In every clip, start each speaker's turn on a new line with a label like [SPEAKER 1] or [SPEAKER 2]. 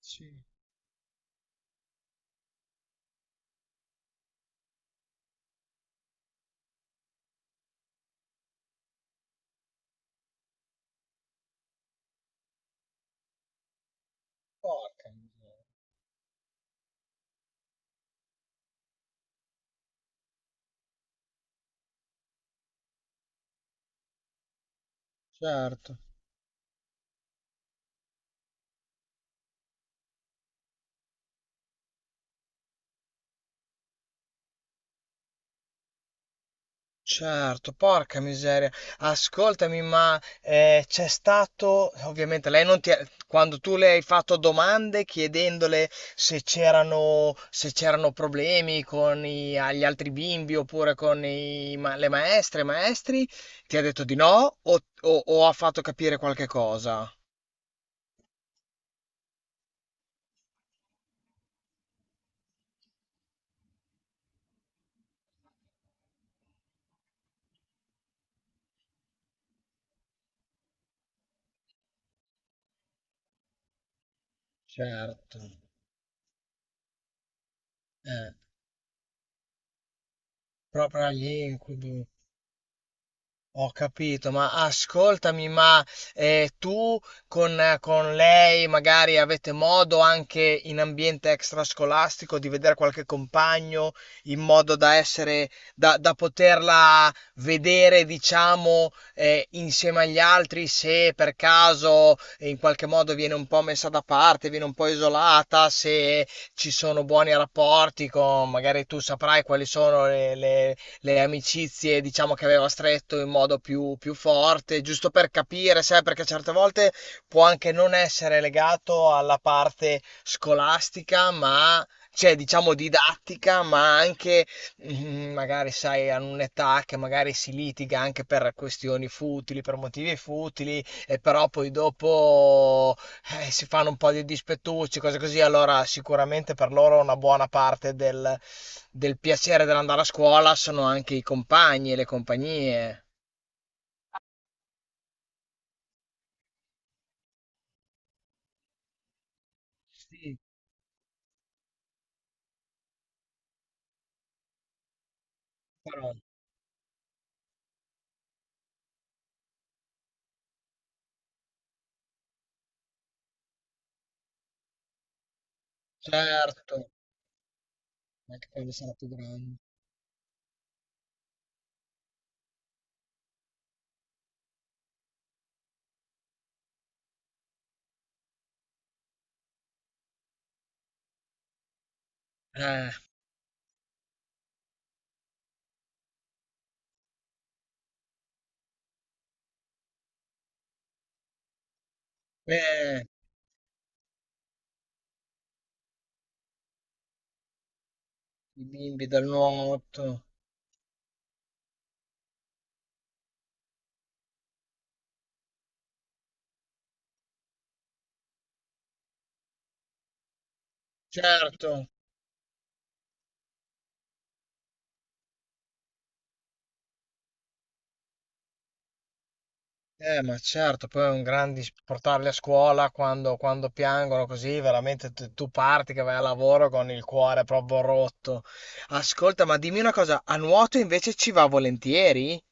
[SPEAKER 1] Sì, porca miseria. Certo, certo, porca miseria. Ascoltami, ma c'è stato, ovviamente lei non ti ha- quando tu le hai fatto domande chiedendole se c'erano se c'erano problemi con i- gli altri bimbi oppure con i ma- le maestre, i maestri, ti ha detto di no o, o ha fatto capire qualche cosa? Certo, eh, proprio agli incubi. Ho capito, ma ascoltami, ma tu con lei magari avete modo anche in ambiente extrascolastico di vedere qualche compagno in modo da essere, da, da poterla vedere, diciamo, insieme agli altri se per caso in qualche modo viene un po' messa da parte, viene un po' isolata, se ci sono buoni rapporti con, magari tu saprai quali sono le amicizie, diciamo, che aveva stretto in modo più, più forte, giusto per capire, sai, perché certe volte può anche non essere legato alla parte scolastica, ma cioè, diciamo, didattica, ma anche magari, sai, hanno un'età che magari si litiga anche per questioni futili, per motivi futili, e però poi dopo si fanno un po' di dispettucci, cose così, allora sicuramente per loro una buona parte del, del piacere dell'andare a scuola sono anche i compagni e le compagnie. Sì, però, certo, anche quando sarà più grande. Eh, eh, i bimbi del nuoto, certo. Ma certo, poi è un gran dis- portarli a scuola quando, quando piangono così, veramente tu tu parti che vai al lavoro con il cuore proprio rotto. Ascolta, ma dimmi una cosa, a nuoto invece ci va volentieri?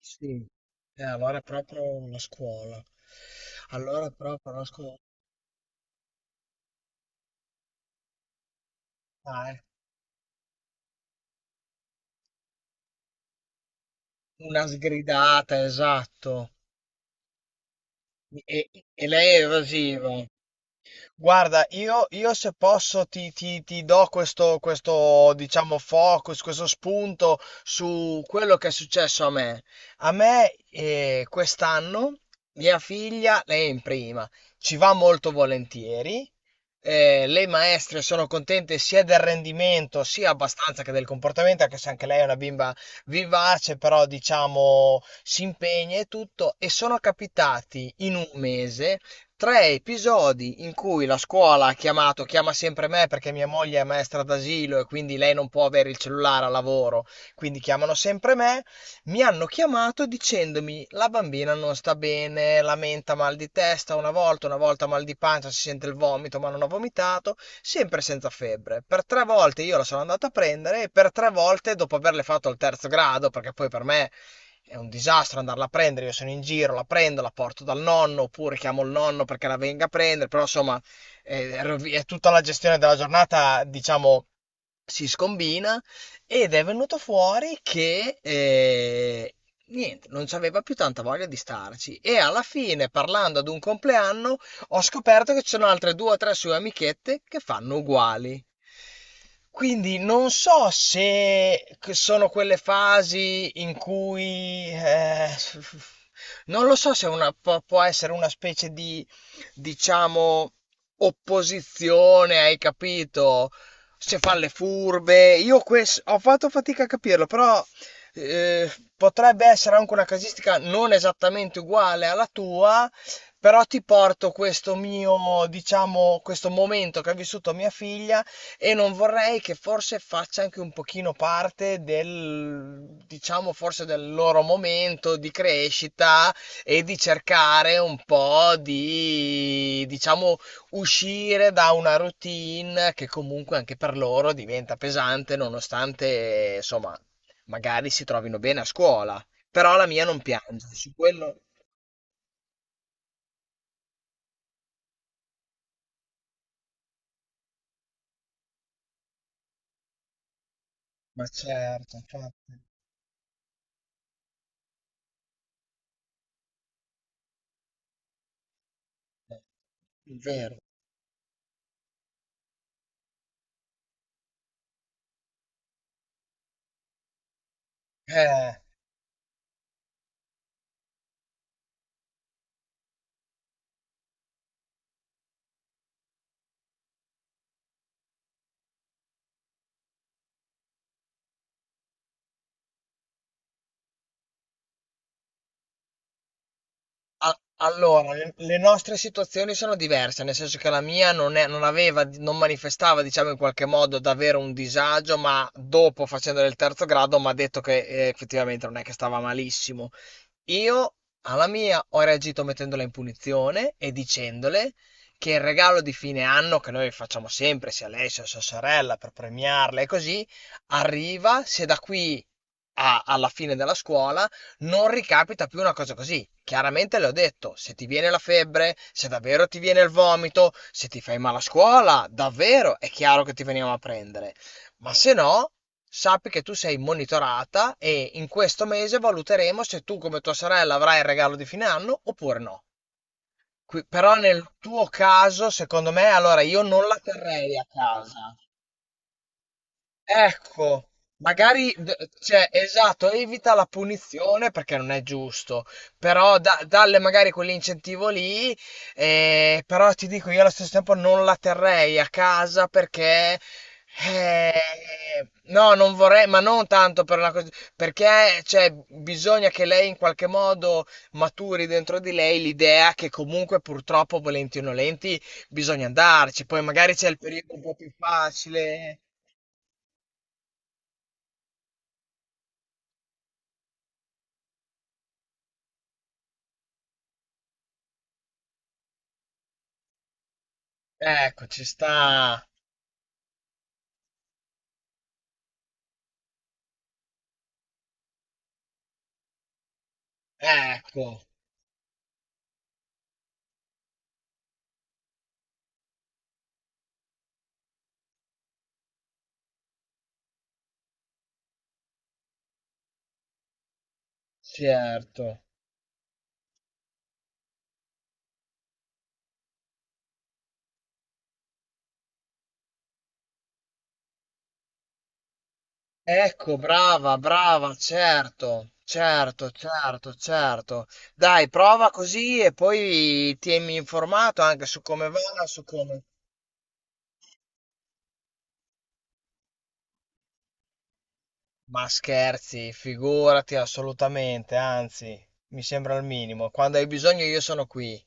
[SPEAKER 1] Sì. Allora è proprio una scuola. Allora è proprio una scuola. Ah, eh. Una sgridata, esatto. E, e lei è evasiva. Guarda, io se posso ti, ti- ti do questo, questo, diciamo, focus, questo spunto su quello che è successo a me. A me, quest'anno, mia figlia, lei è in prima, ci va molto volentieri. Le maestre sono contente sia del rendimento, sia abbastanza che del comportamento, anche se anche lei è una bimba vivace, però diciamo si impegna e tutto. E sono capitati in un mese 3 episodi in cui la scuola ha chiamato, chiama sempre me perché mia moglie è maestra d'asilo e quindi lei non può avere il cellulare a lavoro, quindi chiamano sempre me, mi hanno chiamato dicendomi la bambina non sta bene, lamenta mal di testa una volta mal di pancia, si sente il vomito ma non ha vomitato, sempre senza febbre. Per 3 volte io la sono andata a prendere e per 3 volte dopo averle fatto al terzo grado, perché poi per me è un disastro andarla a prendere, io sono in giro, la prendo, la porto dal nonno, oppure chiamo il nonno perché la venga a prendere, però insomma rovi- è tutta la gestione della giornata, diciamo, si scombina ed è venuto fuori che niente, non c'aveva più tanta voglia di starci e alla fine, parlando ad un compleanno, ho scoperto che ci sono altre 2 o 3 sue amichette che fanno uguali. Quindi non so se c- sono quelle fasi in cui non lo so se una, può può essere una specie di, diciamo, opposizione, hai capito? Se fa le furbe. Io ques- ho fatto fatica a capirlo, però eh, potrebbe essere anche una casistica non esattamente uguale alla tua, però ti porto questo mio, diciamo, questo momento che ha vissuto mia figlia e non vorrei che forse faccia anche un pochino parte del, diciamo, forse del loro momento di crescita e di cercare un po' di, diciamo, uscire da una routine che comunque anche per loro diventa pesante, nonostante, insomma, magari si trovino bene a scuola. Però la mia non piange, su quello... Ma certo, infatti, è vero. Eh. A- Allora, le nostre situazioni sono diverse, nel senso che la mia non è- non aveva, non manifestava, diciamo in qualche modo, davvero un disagio, ma dopo, facendo il terzo grado, mi ha detto che effettivamente non è che stava malissimo. Io alla mia ho reagito mettendola in punizione e dicendole che il regalo di fine anno che noi facciamo sempre, sia lei sia sua sorella, per premiarla e così, arriva se da qui a- alla fine della scuola non ricapita più una cosa così. Chiaramente le ho detto, se ti viene la febbre, se davvero ti viene il vomito, se ti fai male a scuola, davvero è chiaro che ti veniamo a prendere ma se no sappi che tu sei monitorata e in questo mese valuteremo se tu come tua sorella avrai il regalo di fine anno oppure no. Qui- però nel tuo caso, secondo me, allora io non la terrei a casa. Ecco, magari, d- cioè, esatto, evita la punizione perché non è giusto, però da- dalle magari quell'incentivo lì, però ti dico, io allo stesso tempo non la terrei a casa perché, eh, no, non vorrei, ma non tanto per una cosa, perché, cioè, bisogna che lei in qualche modo maturi dentro di lei l'idea che comunque purtroppo, volenti o nolenti, bisogna andarci, poi magari c'è il periodo un po' più facile. Ecco, ci sta. Ecco, certo. Ecco, brava, brava, certo. Certo, certo, certo. Dai, prova così e poi tienimi informato anche su come va, su come... Ma scherzi, figurati assolutamente, anzi, mi sembra il minimo. Quando hai bisogno io sono qui.